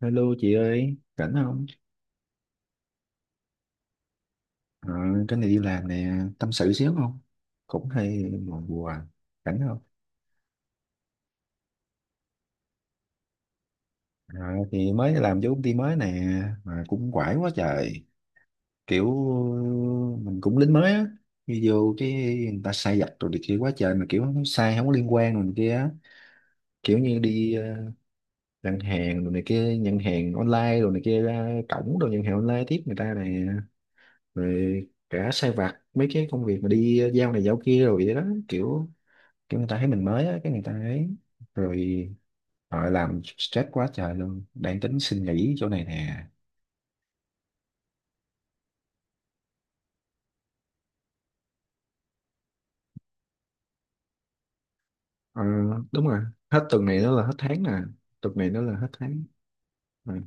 Hello chị ơi, rảnh không? Ờ, cái này đi làm nè, tâm sự xíu không? Cũng hay buồn buồn, rảnh không? Ờ, thì mới làm vô công ty mới nè, mà cũng quải quá trời. Kiểu mình cũng lính mới á, đi vô cái người ta sai vặt rồi này kia quá trời, mà kiểu nó sai không có liên quan rồi này kia á. Kiểu như đi đặt hàng rồi này kia, nhận hàng online rồi này kia ra cổng rồi nhận hàng online tiếp người ta nè. Rồi cả sai vặt mấy cái công việc mà đi giao này giao kia rồi vậy đó, kiểu cái người ta thấy mình mới á cái người ta ấy rồi họ làm stress quá trời luôn, đang tính xin nghỉ chỗ này nè. Ờ, đúng rồi, hết tuần này nó là hết tháng nè, tuần này nó là hết tháng. Rồi.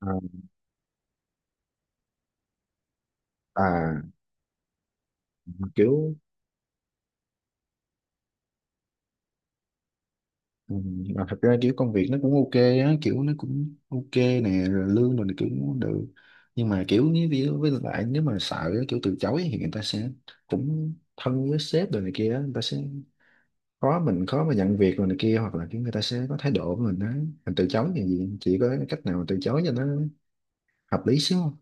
à, à, kiểu ừ, mà thật ra kiểu công việc nó cũng ok á, kiểu nó cũng ok nè, rồi lương mình kiểu cũng được, nhưng mà kiểu như ví dụ, với lại nếu mà sợ kiểu từ chối thì người ta sẽ cũng thân với sếp rồi này kia á, người ta sẽ khó, mình khó mà nhận việc rồi này kia, hoặc là cái người ta sẽ có thái độ của mình á, mình từ chối như gì, chỉ có cách nào mà từ chối cho nó hợp lý xíu không?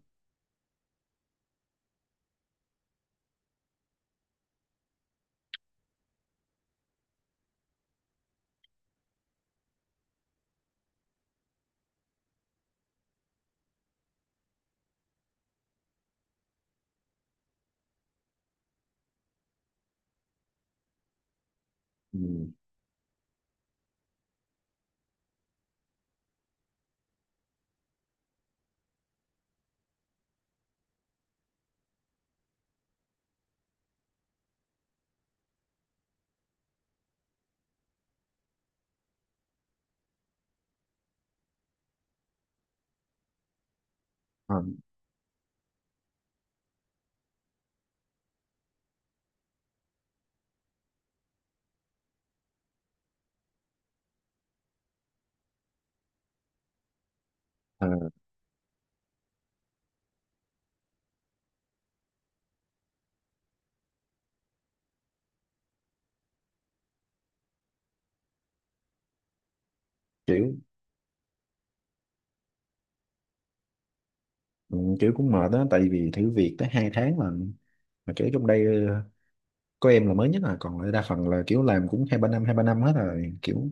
Ừ. à, à, kiểu ừ, kiểu cũng mệt đó, tại vì thử việc tới hai tháng mà kiểu trong đây, có em là mới nhất, là còn lại đa phần là kiểu làm cũng hai ba năm hết rồi, kiểu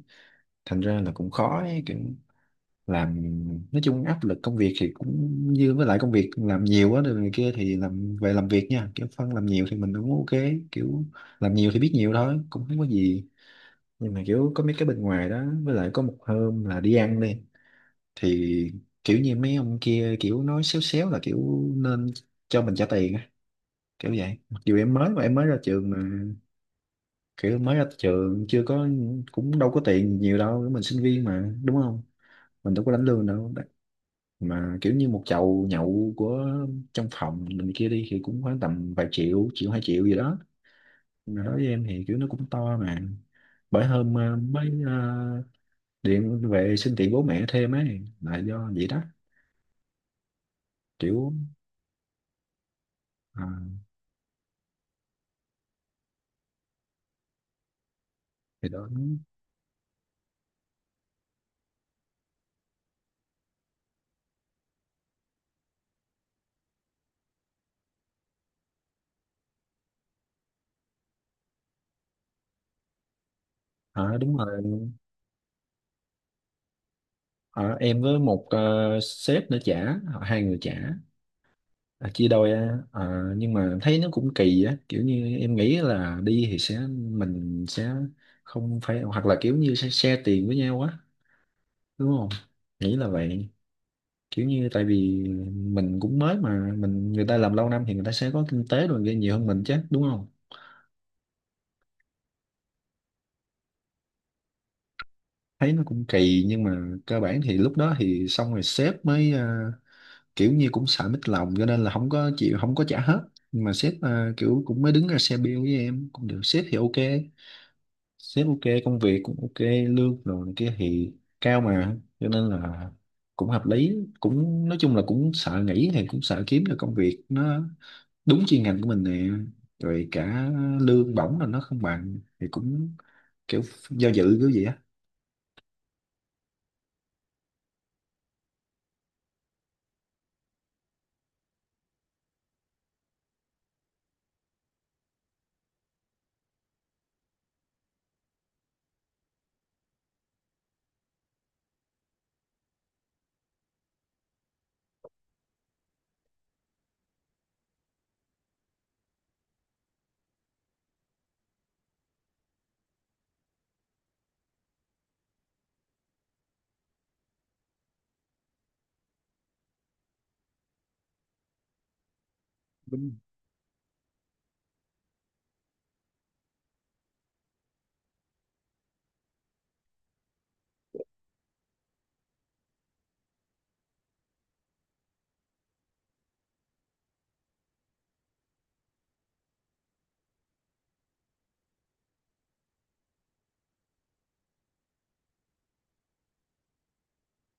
thành ra là cũng khó ấy, kiểu làm, nói chung áp lực công việc thì cũng như với lại công việc làm nhiều quá rồi này kia, thì làm về làm việc nha, kiểu phân làm nhiều thì mình cũng ok, kiểu làm nhiều thì biết nhiều thôi, cũng không có gì. Nhưng mà kiểu có mấy cái bên ngoài đó, với lại có một hôm là đi ăn đi, thì kiểu như mấy ông kia kiểu nói xéo xéo là kiểu nên cho mình trả tiền á, kiểu vậy, mặc dù em mới, mà em mới ra trường mà, kiểu mới ra trường chưa có, cũng đâu có tiền nhiều đâu, mình sinh viên mà đúng không, mình đâu có lãnh lương đâu, mà kiểu như một chầu nhậu của trong phòng mình kia đi thì cũng khoảng tầm vài triệu, triệu hai triệu gì đó, mà đối với em thì kiểu nó cũng to mà, bởi hôm điện về xin tiền bố mẹ thêm ấy là do vậy đó, kiểu ờ, thì đó. Ờ, đúng rồi. Ờ, em với một sếp nữa trả, hai người trả. À, chia đôi á. Ờ, nhưng mà thấy nó cũng kỳ á, kiểu như em nghĩ là đi thì sẽ, mình sẽ không phải, hoặc là kiểu như sẽ share tiền với nhau á, đúng không, nghĩ là vậy, kiểu như tại vì mình cũng mới mà, mình người ta làm lâu năm thì người ta sẽ có kinh tế rồi kia nhiều hơn mình chứ, đúng không, thấy nó cũng kỳ, nhưng mà cơ bản thì lúc đó thì xong rồi, sếp mới kiểu như cũng sợ mít lòng, cho nên là không có chịu, không có trả hết, nhưng mà sếp kiểu cũng mới đứng ra xe bill với em, cũng được, sếp thì ok, sếp ok, công việc cũng ok, lương rồi này kia thì cao mà, cho nên là cũng hợp lý, cũng nói chung là cũng sợ nghỉ thì cũng sợ kiếm được công việc nó đúng chuyên ngành của mình nè, rồi cả lương bổng là nó không bằng thì cũng kiểu do dự kiểu gì á. Đúng.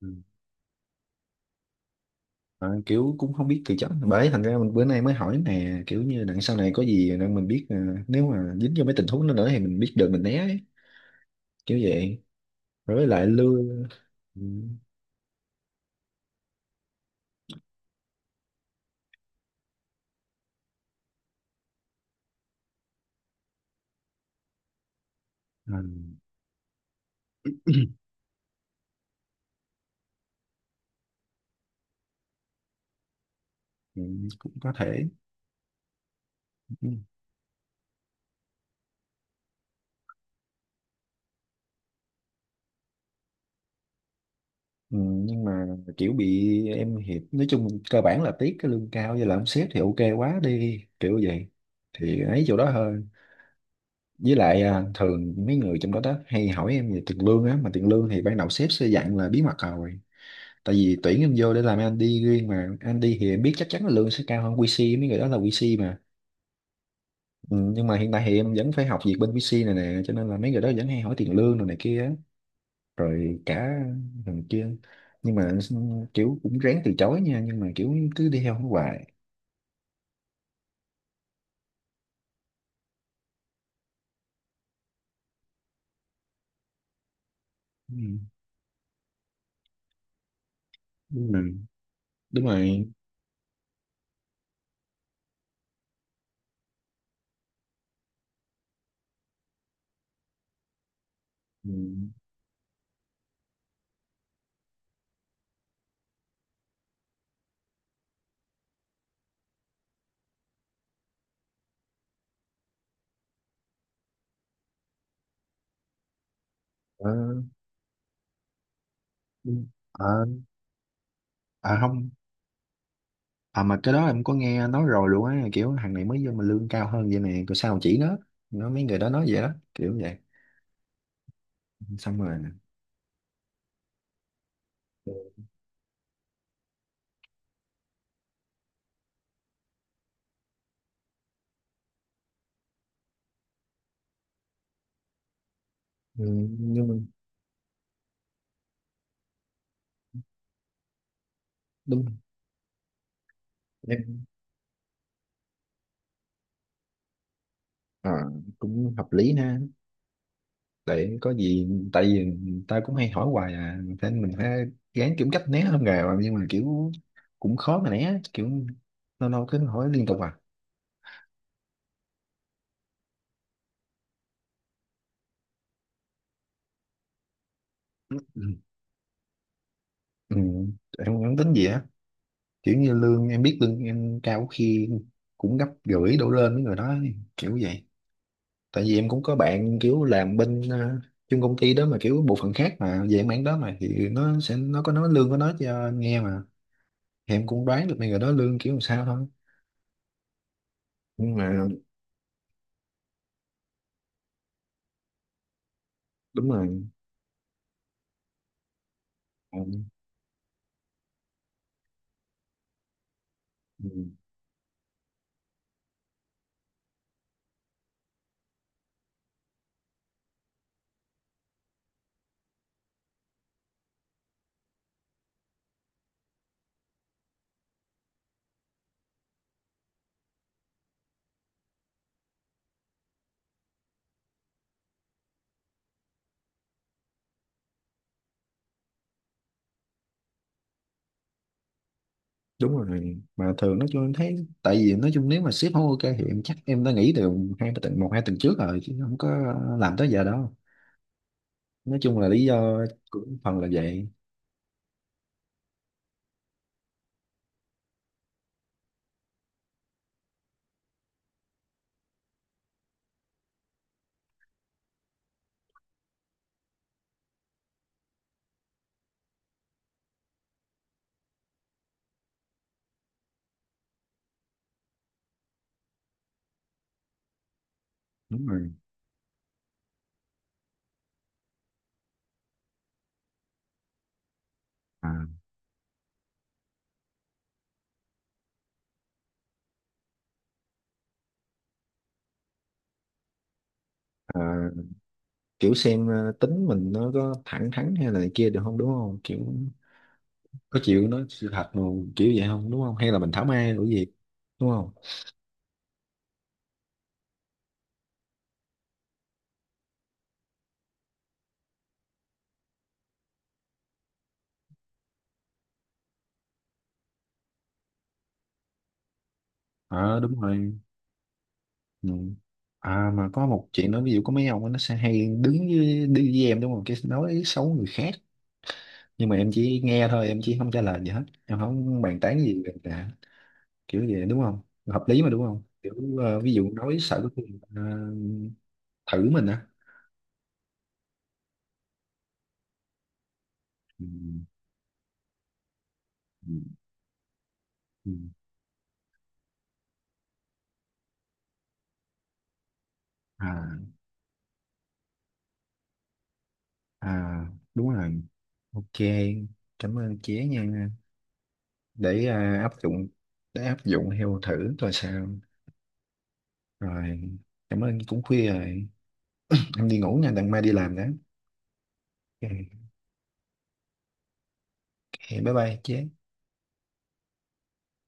Ừ. Mà kiểu cũng không biết từ chối, bởi thành ra mình bữa nay mới hỏi nè, kiểu như đằng sau này có gì nên mình biết, nếu mà dính vô mấy tình huống đó nữa thì mình biết được mình né ấy, kiểu vậy. Rồi với lại lương ừ. Ừ. Ừ, cũng có thể. Ừ. Ừ, nhưng mà kiểu bị em hiệp, nói chung cơ bản là tiếc cái lương cao với là ông sếp thì ok quá đi, kiểu vậy, thì ấy chỗ đó thôi, với lại thường mấy người trong đó đó hay hỏi em về tiền lương á, mà tiền lương thì ban đầu sếp sẽ dặn là bí mật rồi, tại vì tuyển em vô để làm Andy riêng, mà Andy thì em biết chắc chắn là lương sẽ cao hơn QC, mấy người đó là QC mà. Ừ, nhưng mà hiện tại thì em vẫn phải học việc bên QC này nè, cho nên là mấy người đó vẫn hay hỏi tiền lương rồi này kia á, rồi cả thằng kia, nhưng mà kiểu cũng ráng từ chối nha, nhưng mà kiểu cứ đi theo nó hoài. Ừ. Ừ. Đúng rồi. Ừ. Ờ, ừ. à, à, không. À mà cái đó em có nghe nói rồi luôn á, kiểu thằng này mới vô mà lương cao hơn vậy nè, rồi sao chỉ nó mấy người đó nói vậy đó, kiểu vậy, xong rồi ừ, nhưng mà đúng em ờ, cũng hợp lý ha, để có gì, tại vì người ta cũng hay hỏi hoài à, thế mình phải gán kiếm cách né hơn rồi, nhưng mà kiểu cũng khó mà né, kiểu lâu lâu cứ hỏi liên tục à. Ừ. Ừ. Em không tính gì á, kiểu như lương em, biết lương em cao khi cũng gấp rưỡi đổ lên với người đó, kiểu vậy, tại vì em cũng có bạn kiểu làm bên chung công ty đó mà, kiểu bộ phận khác mà về mảng đó mà, thì nó sẽ, nó có nói lương của nó cho anh nghe mà, thì em cũng đoán được mấy người đó lương kiểu làm sao thôi, nhưng mà đúng rồi. Ừ, ừ, đúng rồi, mà thường nói chung em thấy, tại vì nói chung nếu mà sếp không ok thì em chắc em đã nghỉ từ hai ba tuần, một hai tuần trước rồi, chứ không có làm tới giờ đâu, nói chung là lý do cũng phần là vậy. Đúng rồi. à, à, kiểu xem tính mình nó có thẳng thắn hay là này kia được không, đúng không, kiểu có chịu nói sự thật mà, kiểu vậy không, đúng không, hay là mình thảo mai đổi việc, đúng không? Ờ, đúng rồi. Ừ. À mà có một chuyện nữa, ví dụ có mấy ông á, nó sẽ hay đứng với, đi với em đúng không, cái nói xấu người khác, nhưng mà em chỉ nghe thôi, em chỉ không trả lời gì hết, em không bàn tán gì về cả, kiểu vậy đúng không, hợp lý mà đúng không, kiểu ví dụ nói sợ cái người ta thử mình á. Ừ. Ừ, ừ. à à. Đúng rồi. Ok, cảm ơn chế nha, để áp dụng, để áp dụng theo thử coi sao. Rồi, cảm ơn, cũng khuya rồi, em đi ngủ nha, đằng mai đi làm đó. Ok, bye bye chế.